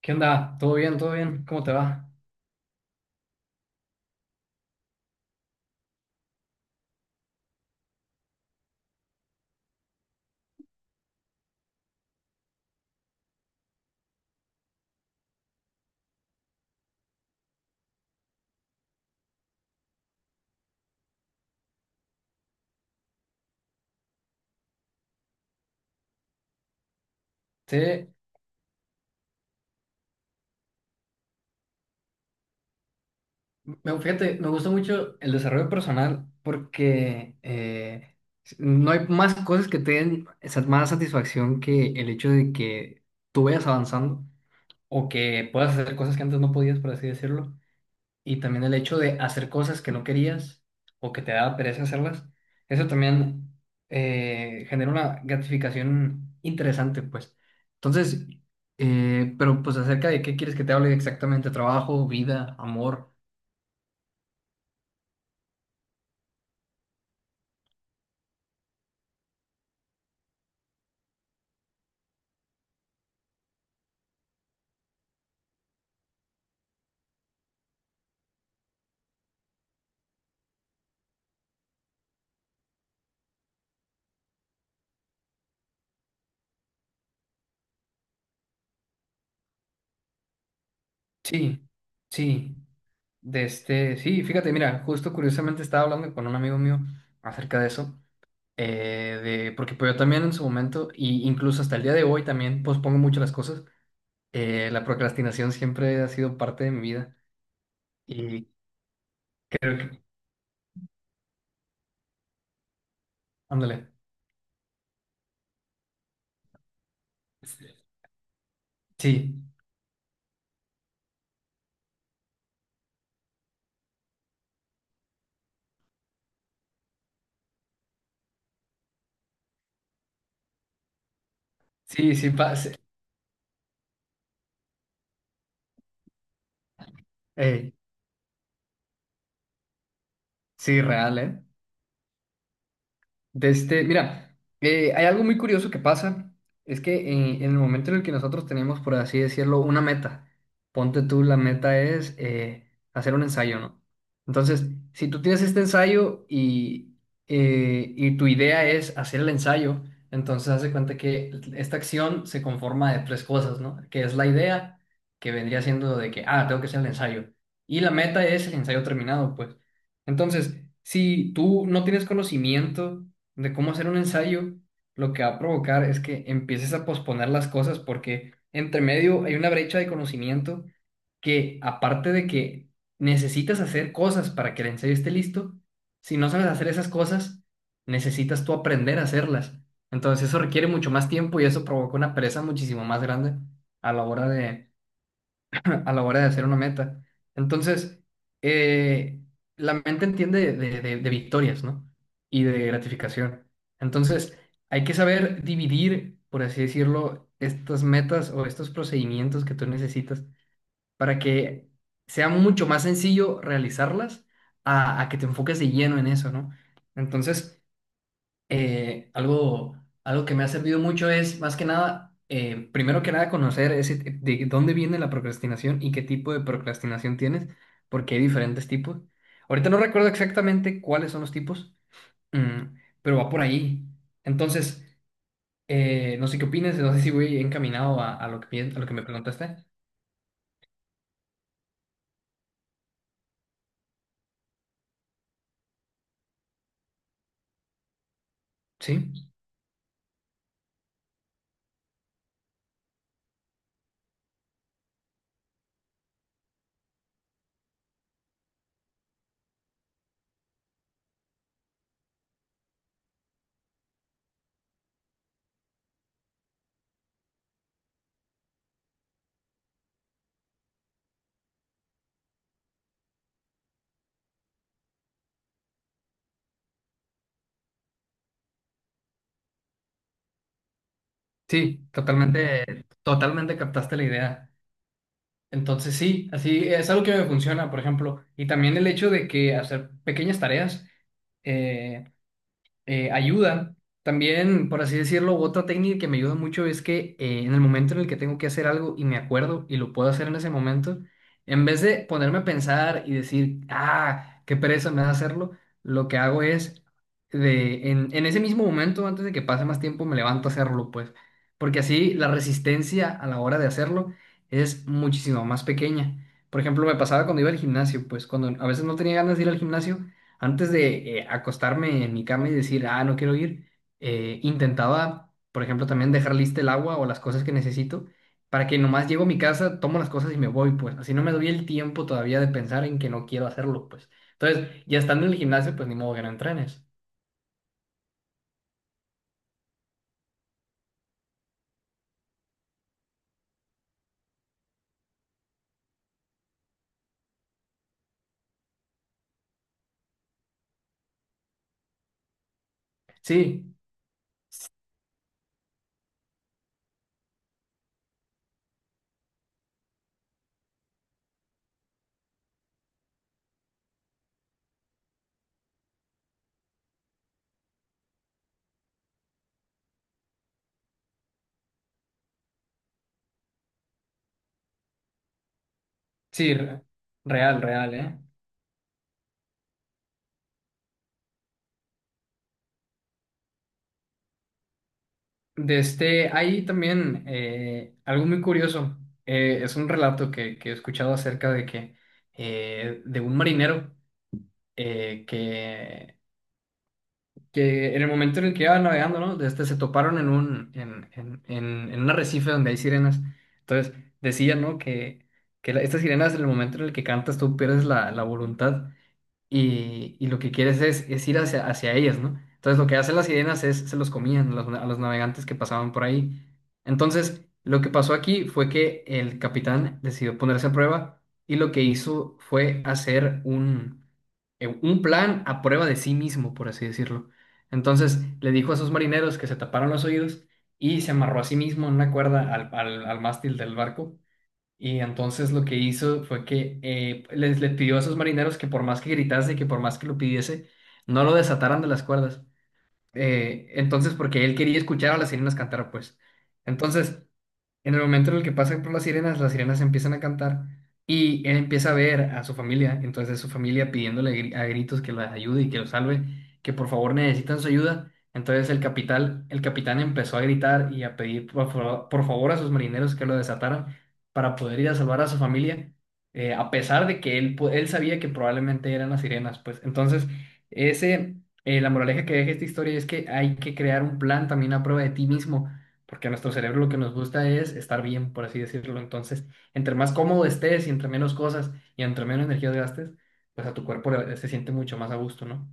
¿Qué onda? ¿Todo bien? ¿Todo bien? ¿Cómo te va? Sí, me, fíjate, me gusta mucho el desarrollo personal porque no hay más cosas que te den más satisfacción que el hecho de que tú vayas avanzando o que puedas hacer cosas que antes no podías, por así decirlo. Y también el hecho de hacer cosas que no querías o que te daba pereza hacerlas, eso también genera una gratificación interesante, pues. Entonces, pero pues acerca de qué quieres que te hable exactamente, trabajo, vida, amor. Sí, sí, de este, sí, fíjate, mira, justo curiosamente estaba hablando con un amigo mío acerca de eso, porque pues yo también en su momento, y incluso hasta el día de hoy también pospongo mucho las cosas. La procrastinación siempre ha sido parte de mi vida y creo que, ándale, sí, sí, sí, sí, ey, sí, real, ¿eh? De este, mira, hay algo muy curioso que pasa, es que en el momento en el que nosotros tenemos, por así decirlo, una meta, ponte tú, la meta es hacer un ensayo, ¿no? Entonces, si tú tienes este ensayo y tu idea es hacer el ensayo, entonces haz de cuenta que esta acción se conforma de tres cosas, ¿no? Que es la idea, que vendría siendo de que, ah, tengo que hacer el ensayo, y la meta es el ensayo terminado, pues. Entonces, si tú no tienes conocimiento, de cómo hacer un ensayo, lo que va a provocar es que empieces a posponer las cosas porque entre medio hay una brecha de conocimiento que aparte de que necesitas hacer cosas para que el ensayo esté listo, si no sabes hacer esas cosas, necesitas tú aprender a hacerlas. Entonces eso requiere mucho más tiempo y eso provoca una pereza muchísimo más grande a la hora de a la hora de hacer una meta. Entonces, eh, la mente entiende de victorias, ¿no? Y de gratificación. Entonces, hay que saber dividir, por así decirlo, estas metas o estos procedimientos que tú necesitas para que sea mucho más sencillo realizarlas a que te enfoques de lleno en eso, ¿no? Entonces, eh, algo, algo que me ha servido mucho es, más que nada, primero que nada, conocer ese, de dónde viene la procrastinación y qué tipo de procrastinación tienes, porque hay diferentes tipos. Ahorita no recuerdo exactamente cuáles son los tipos, mm, pero va por ahí. Entonces, no sé qué opinas, no sé si voy encaminado a lo que, a lo que me preguntaste. Sí, sí, totalmente, totalmente captaste la idea. Entonces sí, así es algo que me funciona, por ejemplo, y también el hecho de que hacer pequeñas tareas. eh, ayuda. También, por así decirlo, otra técnica que me ayuda mucho es que en el momento en el que tengo que hacer algo y me acuerdo y lo puedo hacer en ese momento, en vez de ponerme a pensar y decir, ah, qué pereza me da hacerlo, lo que hago es, en ese mismo momento, antes de que pase más tiempo, me levanto a hacerlo, pues, porque así la resistencia a la hora de hacerlo es muchísimo más pequeña. Por ejemplo, me pasaba cuando iba al gimnasio, pues cuando a veces no tenía ganas de ir al gimnasio, antes de acostarme en mi cama y decir, ah, no quiero ir, intentaba, por ejemplo, también dejar lista el agua o las cosas que necesito para que nomás llego a mi casa, tomo las cosas y me voy, pues. Así no me doy el tiempo todavía de pensar en que no quiero hacerlo, pues. Entonces, ya estando en el gimnasio, pues ni modo que no entrenes. Sí, sí, real, real, ¿eh? De este, hay también algo muy curioso. Es un relato que he escuchado acerca de que de un marinero eh, que que en el momento en el que iban navegando, ¿no? De Este, se toparon en un arrecife donde hay sirenas. Entonces, decían, ¿no? Que estas sirenas, en el momento en el que cantas, tú pierdes la voluntad y lo que quieres es ir hacia ellas, ¿no? Entonces lo que hacen las sirenas es, se los comían a los navegantes que pasaban por ahí. Entonces, lo que pasó aquí fue que el capitán decidió ponerse a prueba y lo que hizo fue hacer un plan a prueba de sí mismo, por así decirlo. Entonces, le dijo a sus marineros que se taparon los oídos y se amarró a sí mismo en una cuerda al al mástil del barco y entonces lo que hizo fue que le pidió a esos marineros que por más que gritase y que por más que lo pidiese, no lo desataran de las cuerdas. Entonces, porque él quería escuchar a las sirenas cantar, pues. Entonces, en el momento en el que pasan por las sirenas empiezan a cantar y él empieza a ver a su familia, entonces su familia pidiéndole a gritos que la ayude y que lo salve, que por favor necesitan su ayuda. Entonces el capitán empezó a gritar y a pedir por favor a sus marineros que lo desataran para poder ir a salvar a su familia, a pesar de que él sabía que probablemente eran las sirenas, pues. Entonces, ese, la moraleja que deja esta historia es que hay que crear un plan también a prueba de ti mismo porque a nuestro cerebro lo que nos gusta es estar bien, por así decirlo. Entonces, entre más cómodo estés y entre menos cosas y entre menos energía gastes, pues a tu cuerpo se siente mucho más a gusto, ¿no?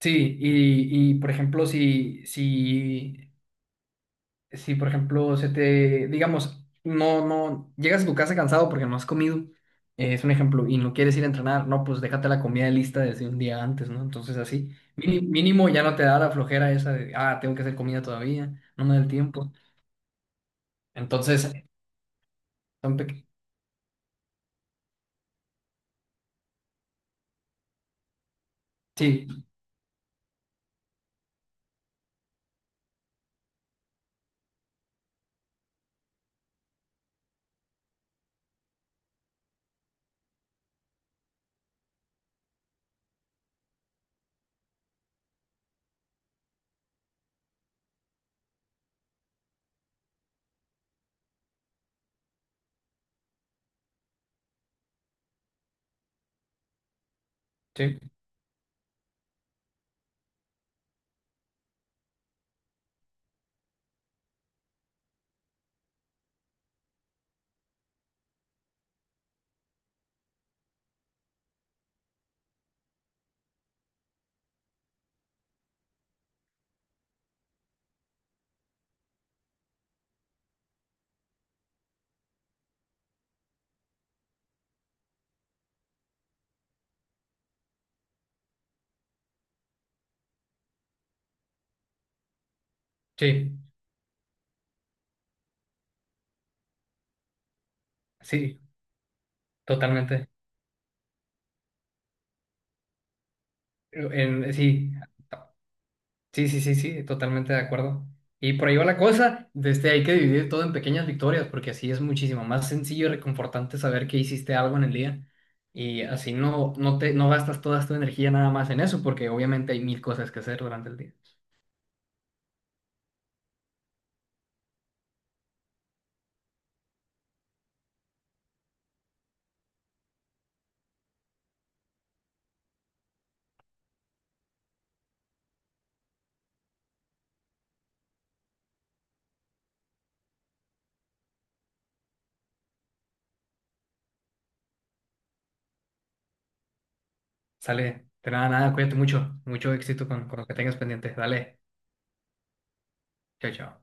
Sí, y por ejemplo, si, por ejemplo, se te, digamos, no, no, llegas a tu casa cansado porque no has comido, es un ejemplo, y no quieres ir a entrenar, no, pues déjate la comida lista desde un día antes, ¿no? Entonces así, mínimo ya no te da la flojera esa de, ah, tengo que hacer comida todavía, no me da el tiempo. Entonces, Son peque- Sí, sí, sí, sí, totalmente. Sí, sí, sí, sí, sí, totalmente de acuerdo. Y por ahí va la cosa, desde hay que dividir todo en pequeñas victorias, porque así es muchísimo más sencillo y reconfortante saber que hiciste algo en el día. Y así no, no te, no gastas toda tu energía nada más en eso, porque obviamente hay mil cosas que hacer durante el día. Sale, de nada, nada, cuídate mucho, mucho éxito con lo que tengas pendiente. Dale, chao, chao.